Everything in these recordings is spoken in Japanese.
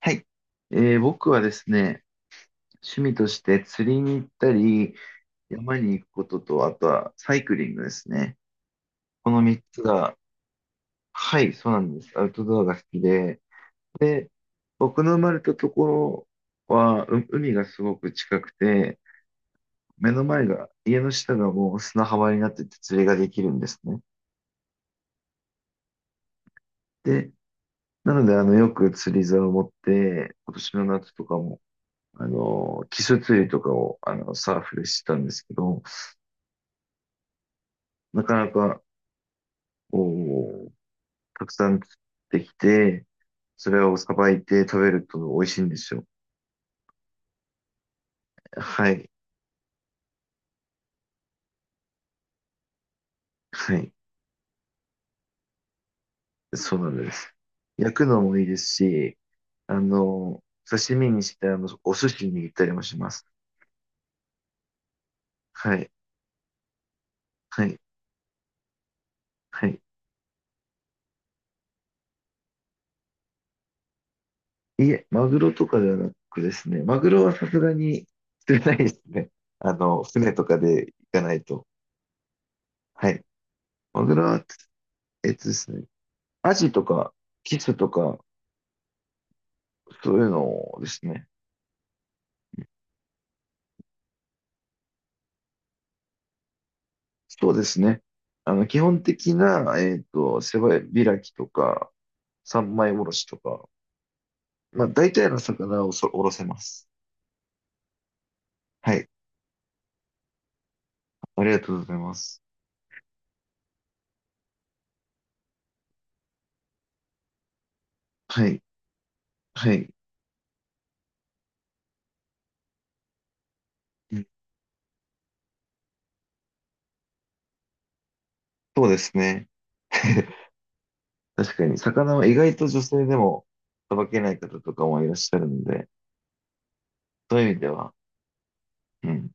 はい。僕はですね、趣味として釣りに行ったり、山に行くことと、あとはサイクリングですね。この3つが、はい、そうなんです。アウトドアが好きで。で、僕の生まれたところは、海がすごく近くて、目の前が、家の下がもう砂浜になってて釣りができるんですね。で、なので、よく釣り竿を持って、今年の夏とかも、キス釣りとかを、サーフでしてたんですけど、なかなか、こう、たくさん釣ってきて、それをさばいて食べると美味しいんですよ。はい。はい。そうなんです。焼くのもいいですし、あの、刺身にして、お寿司に握ったりもします。はい。はい。はい。いえ、マグロとかではなくですね。マグロはさすがに釣れないですね。船とかで行かないと。はい。マグロは、えっとですね。アジとか、キスとか、そういうのですね。そうですね。基本的な、背開きとか、三枚おろしとか、まあ、大体の魚をおろせます。はい。ありがとうございます。はい。はい。うん、そうですね。確かに、魚は意外と女性でもさばけない方とかもいらっしゃるので、そういう意味では、うん。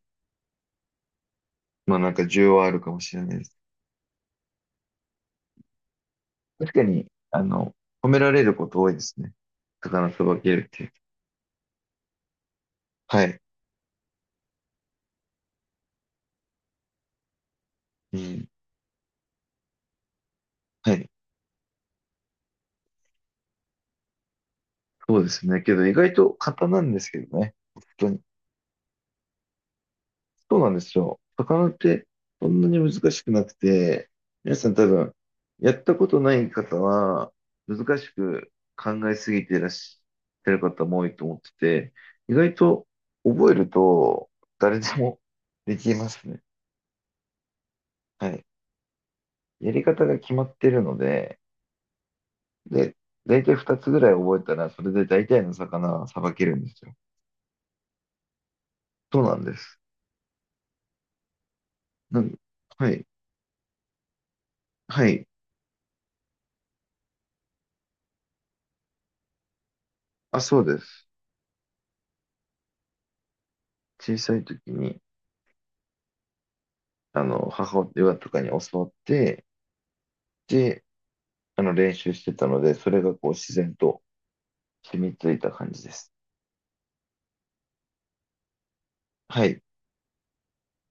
まあ、なんか需要はあるかもしれないです。確かに、褒められること多いですね。魚さばけるっていう。はい。うん。はい。そうですね。けど意外と簡単なんですけどね。本当に。そうなんですよ。魚ってそんなに難しくなくて、皆さん多分、やったことない方は、難しく考えすぎていらっしゃる方も多いと思ってて、意外と覚えると誰でもできますね。はい。やり方が決まってるので、で、大体2つぐらい覚えたら、それで大体の魚はさばけるんですよ。そうなんです。なん、はい。はい。あ、そうです。小さい時に、母親とかに教わって、で、練習してたので、それがこう、自然と染みついた感じです。はい。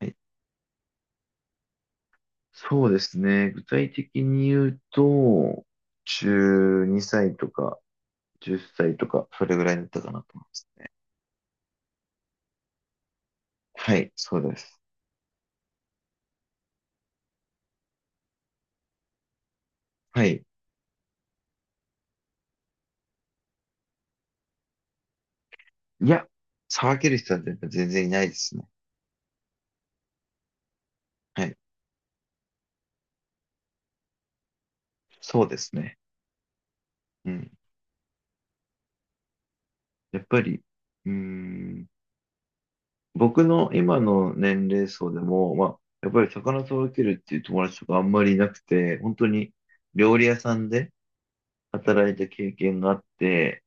はい、そうですね。具体的に言うと、12歳とか、10歳とか、それぐらいだったかなと思いますね。はい、そうです。はい。いや、騒げる人は全然いないですね。はい。そうですね。うん。やっぱり、うーん。僕の今の年齢層でも、まあ、やっぱり魚届けるっていう友達とかあんまりいなくて、本当に料理屋さんで働いた経験があって、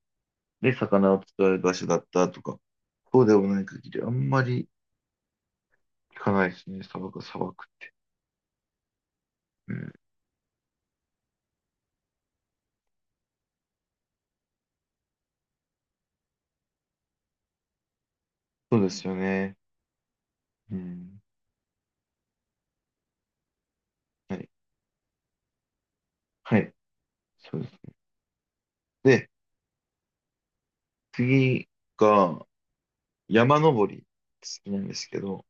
で、魚を使う場所だったとか、そうでもない限りあんまり聞かないですね、砂漠、砂漠。うん、そうですよね。うん。はい。はい。そうですね。で、次が山登り好きなんですけど、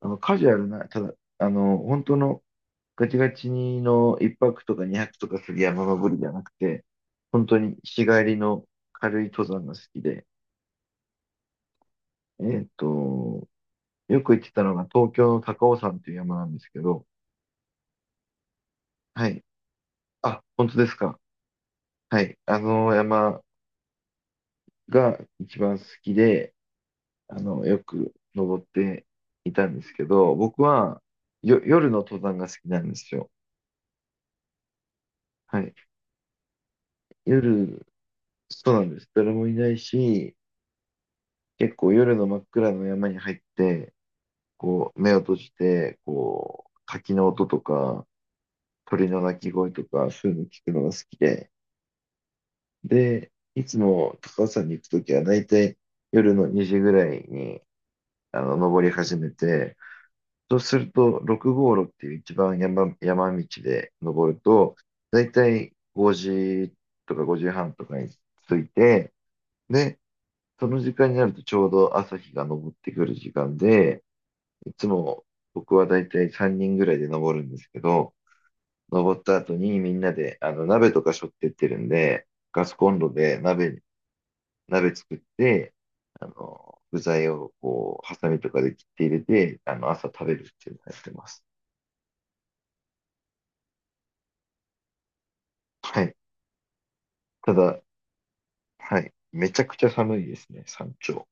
カジュアルな、ただ、本当のガチガチにの一泊とか二泊とかする山登りじゃなくて、本当に日帰りの軽い登山が好きで、えっと、よく行ってたのが東京の高尾山という山なんですけど、はい。あ、本当ですか。はい。あの山が一番好きで、よく登っていたんですけど、僕は夜の登山が好きなんですよ。はい。夜、そうなんです。誰もいないし、結構夜の真っ暗の山に入って、こう、目を閉じて、こう、滝の音とか、鳥の鳴き声とか、そういうの聞くのが好きで、で、いつも高尾山に行くときは、大体夜の2時ぐらいに、登り始めて、そうすると、6号路っていう一番山、山道で登ると、大体5時とか5時半とかに着いて、で、その時間になるとちょうど朝日が昇ってくる時間で、いつも僕はだいたい3人ぐらいで登るんですけど、登った後にみんなであの鍋とか背負ってってるんで、ガスコンロで鍋作って、具材をこう、ハサミとかで切って入れて、朝食べるっていうのをやってます。はい。ただ、はい。めちゃくちゃ寒いですね、山頂。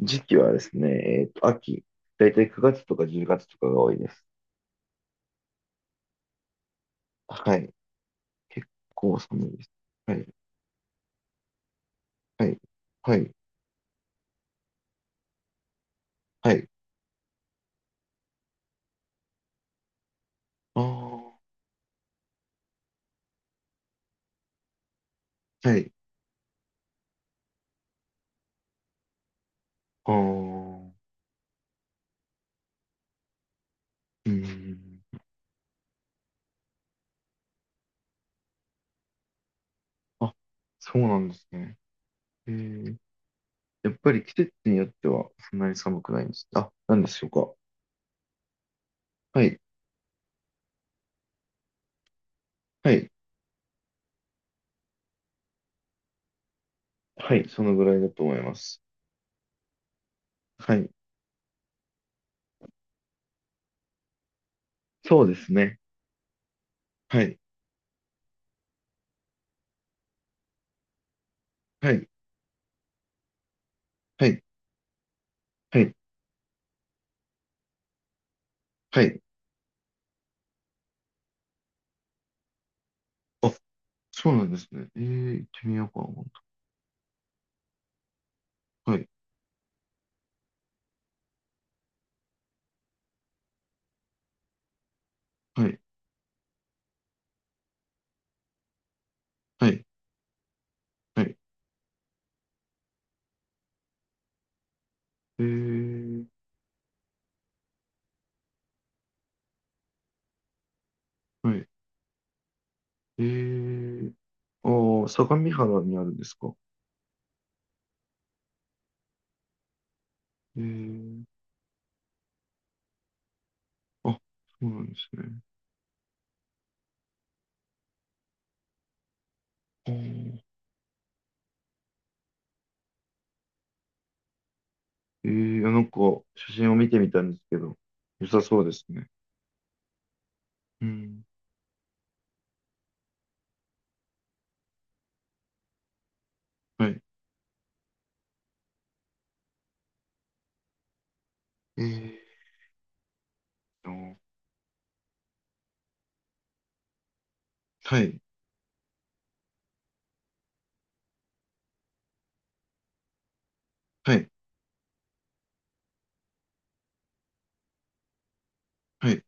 時期はですね、秋。だいたい9月とか10月とかが多いです。はい。結構寒いです。はい。はい。はい。はい。ああ。はい。ああ、うん。あ、そうなんですね。えー、やっぱり季節によってはそんなに寒くないんです。あ、なんでしょうか。はい。はい。はい。そのぐらいだと思います。はい。そうですね。はい。はい。はい。はい。はい。あ、そうなんですね。行ってみようかな。今度。はい。はい。はい。はい。えー、はい。えー、ああ、相模原にあるんですか。えー、あ、そうなんですね。あーなんか、写真を見てみたんですけど、良さそうですね。うん。はい。えーと、はい。はい。はい。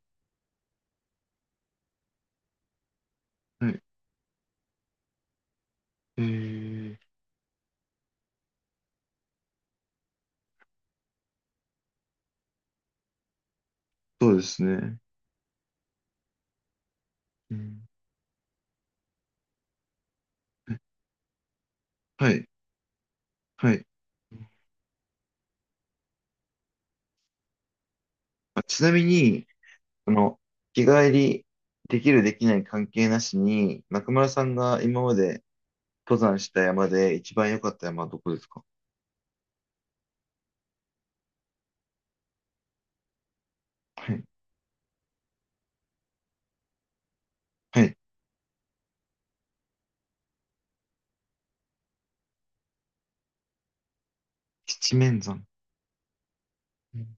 はい。えー、そうですね。うん。はい。はい。あ、ちなみに、あの、日帰りできるできない関係なしに、中村さんが今まで登山した山で一番良かった山はどこですか？はい。はい。七面山。うん。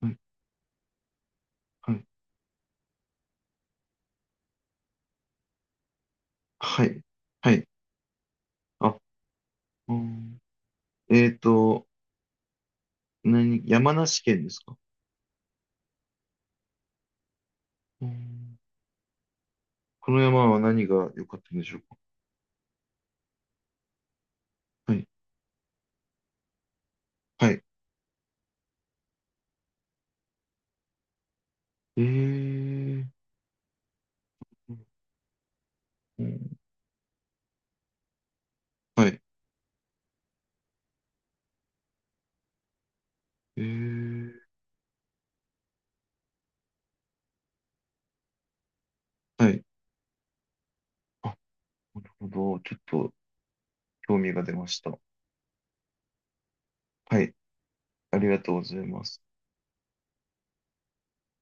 はい。はい。はい。はい。はい。あ、うん。えっと、山梨県ですか？うん。この山は何が良かったんでしょうか？はい。はい。えー。うん。はい。えー。はい。あ、なるほど。ちょっと興味が出ました。はい。ありがとうございます。